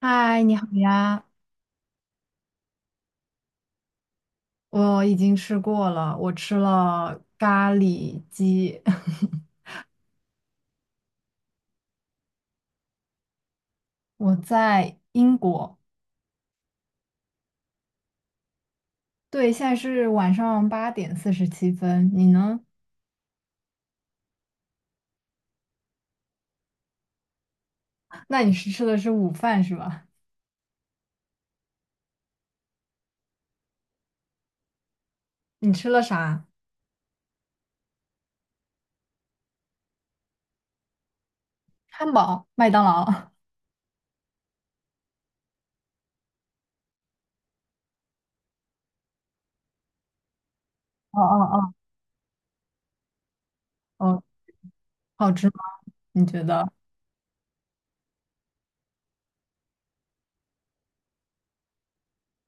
嗨，你好呀！我已经吃过了，我吃了咖喱鸡。我在英国，对，现在是晚上8点47分。你呢？那你是吃的是午饭是吧？你吃了啥？汉堡、麦当劳。哦哦哦哦，好吃吗？你觉得？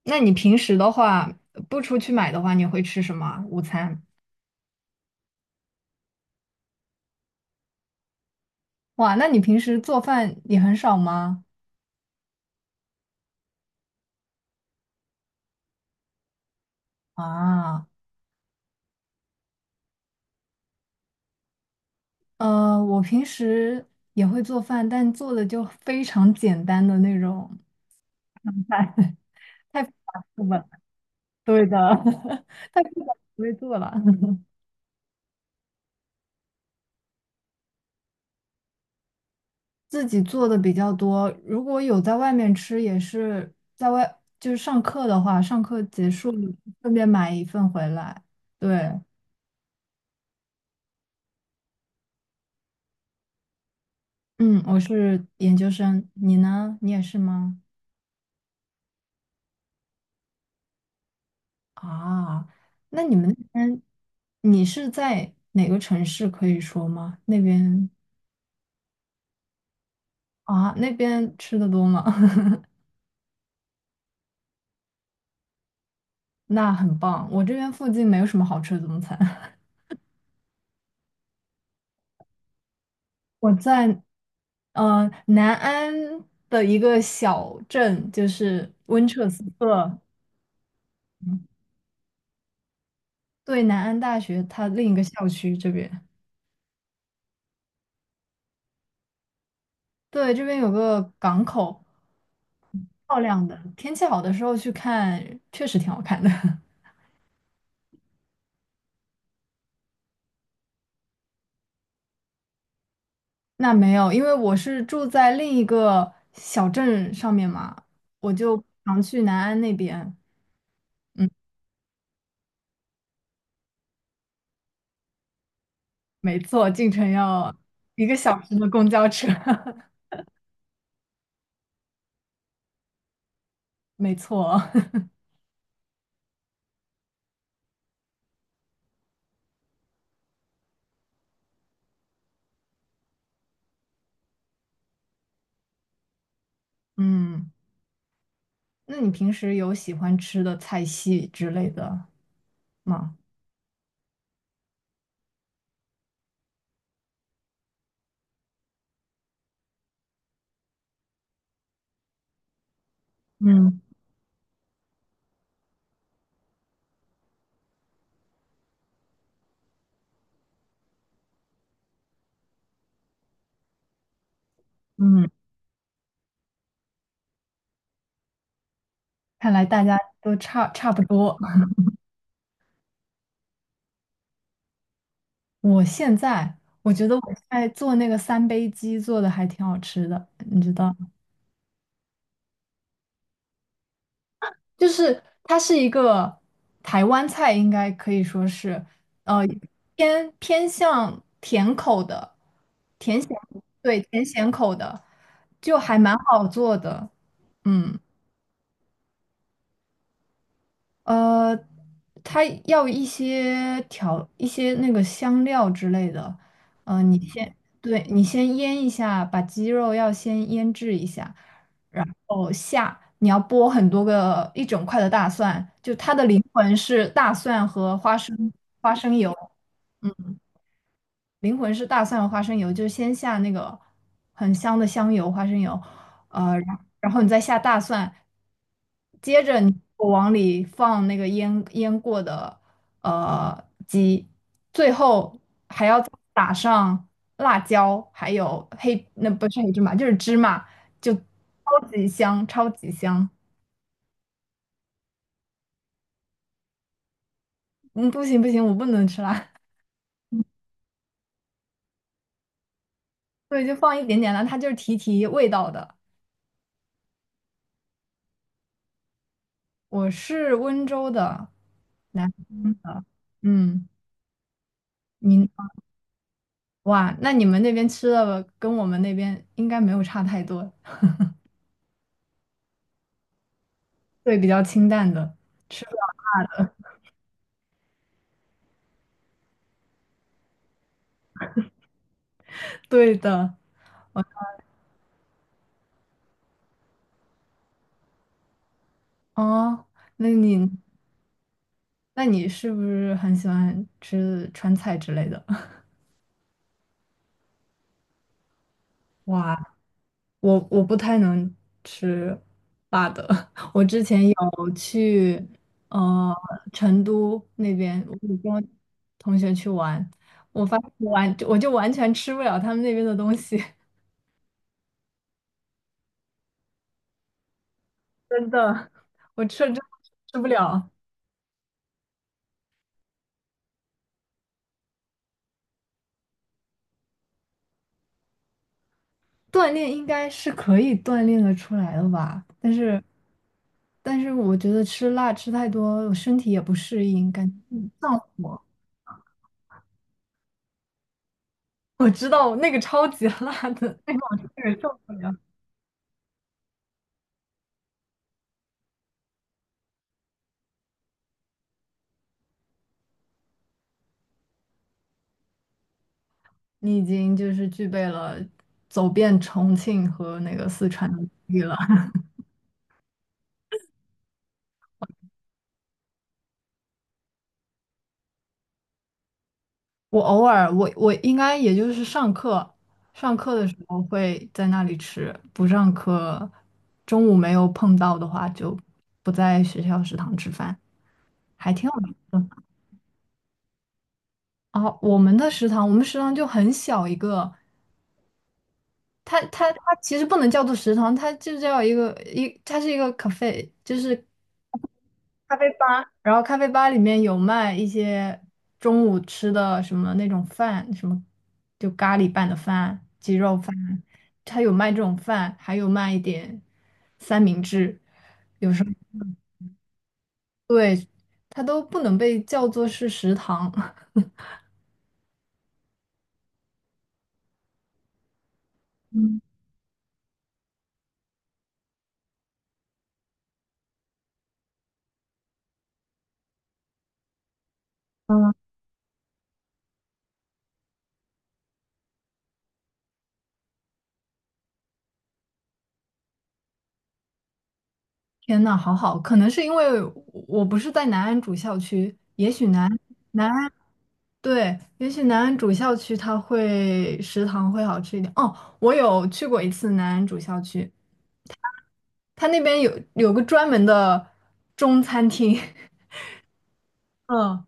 那你平时的话，不出去买的话，你会吃什么啊午餐？哇，那你平时做饭也很少吗？啊。我平时也会做饭，但做的就非常简单的那种饭，太复杂不了。对的，太复杂不会做了。自己做的比较多，如果有在外面吃，也是在外，就是上课的话，上课结束顺便买一份回来。对，嗯，我是研究生，你呢？你也是吗？啊，那你们那边，你是在哪个城市可以说吗？那边？啊，那边吃的多吗？那很棒，我这边附近没有什么好吃的中餐。我在南安的一个小镇，就是温彻斯特，嗯对，南安大学它另一个校区这边。对，这边有个港口，漂亮的，天气好的时候去看，确实挺好看的。那没有，因为我是住在另一个小镇上面嘛，我就常去南安那边。没错，进城要1个小时的公交车，没错。嗯，那你平时有喜欢吃的菜系之类的吗？嗯嗯，看来大家都差不多。我现在我觉得我在做那个三杯鸡做的还挺好吃的，你知道？就是它是一个台湾菜，应该可以说是，呃，偏向甜口的，甜咸，对，甜咸口的，就还蛮好做的，嗯。呃，它要一些调一些那个香料之类的，你先，对，你先腌一下，把鸡肉要先腌制一下，然后下你要剥很多个一整块的大蒜，就它的灵魂是大蒜和花生油，灵魂是大蒜和花生油，就是先下那个很香的香油、花生油，然后你再下大蒜，接着你往里放那个腌过的呃鸡，最后还要再打上辣椒，还有黑，那不是黑芝麻，就是芝麻，就超级香，超级香。嗯，不行不行，我不能吃辣，所以就放一点点辣，它就是提提味道的。我是温州的，南方的。嗯，你哇，那你们那边吃的跟我们那边应该没有差太多，对，比较清淡的。吃对的。哦，那你那你是不是很喜欢吃川菜之类的？哇，我不太能吃辣的。我之前有去呃成都那边，我有跟同学去玩，我发现我就完全吃不了他们那边的东西，我吃了之后吃不了。锻炼应该是可以锻炼的出来的吧，但是我觉得吃辣吃太多，我身体也不适应，感觉上火。我知道那个超级 辣的，那个受不了。你已经就是具备了走遍重庆和那个四川的能力了。我偶尔，我应该也就是上课，上课的时候会在那里吃，不上课，中午没有碰到的话就不在学校食堂吃饭，还挺有意思的。哦，我们的食堂，我们食堂就很小一个，它其实不能叫做食堂，它就叫一个它是一个 cafe，就是咖啡吧，然后咖啡吧里面有卖一些中午吃的什么那种饭，什么就咖喱拌的饭、鸡肉饭，它有卖这种饭，还有卖一点三明治，对，它都不能被叫做是食堂。嗯嗯，天呐，好好，可能是因为我不是在南安主校区，也许南安对，也许南安主校区它会食堂会好吃一点。哦，我有去过一次南安主校区。他那边有个专门的中餐厅，嗯，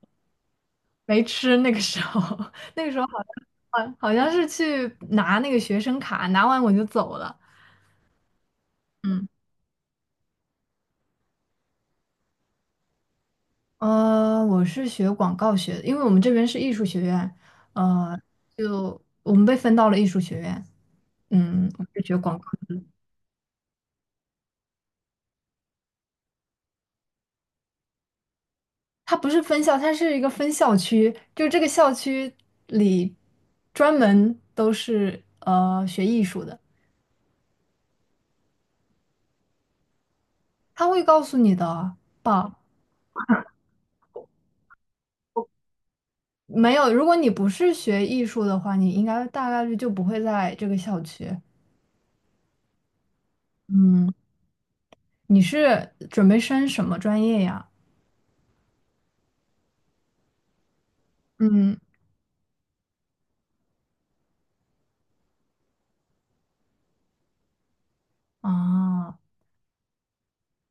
没吃。那个时候，那个时候好像是去拿那个学生卡，拿完我就走了。嗯我是学广告学的，因为我们这边是艺术学院，呃，就我们被分到了艺术学院。嗯，我是学广告，它不是分校，它是一个分校区，就这个校区里专门都是学艺术的。他会告诉你的吧？没有，如果你不是学艺术的话，你应该大概率就不会在这个校区。嗯，你是准备升什么专业呀？嗯，啊，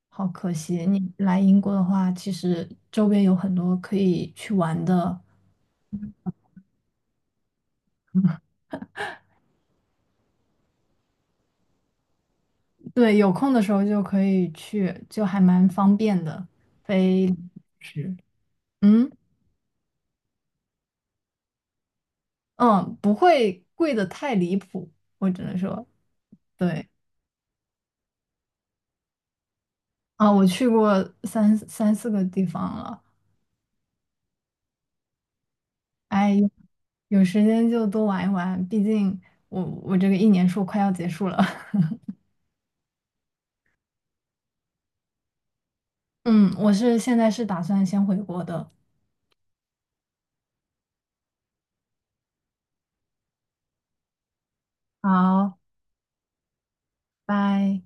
好可惜，你来英国的话，其实周边有很多可以去玩的。对，有空的时候就可以去，就还蛮方便的，飞是，嗯嗯，不会贵的太离谱，我只能说，对。啊，我去过三四个地方了，哎，有时间就多玩一玩，毕竟我这个1年硕快要结束了。嗯，我现在是打算先回国的。好，拜。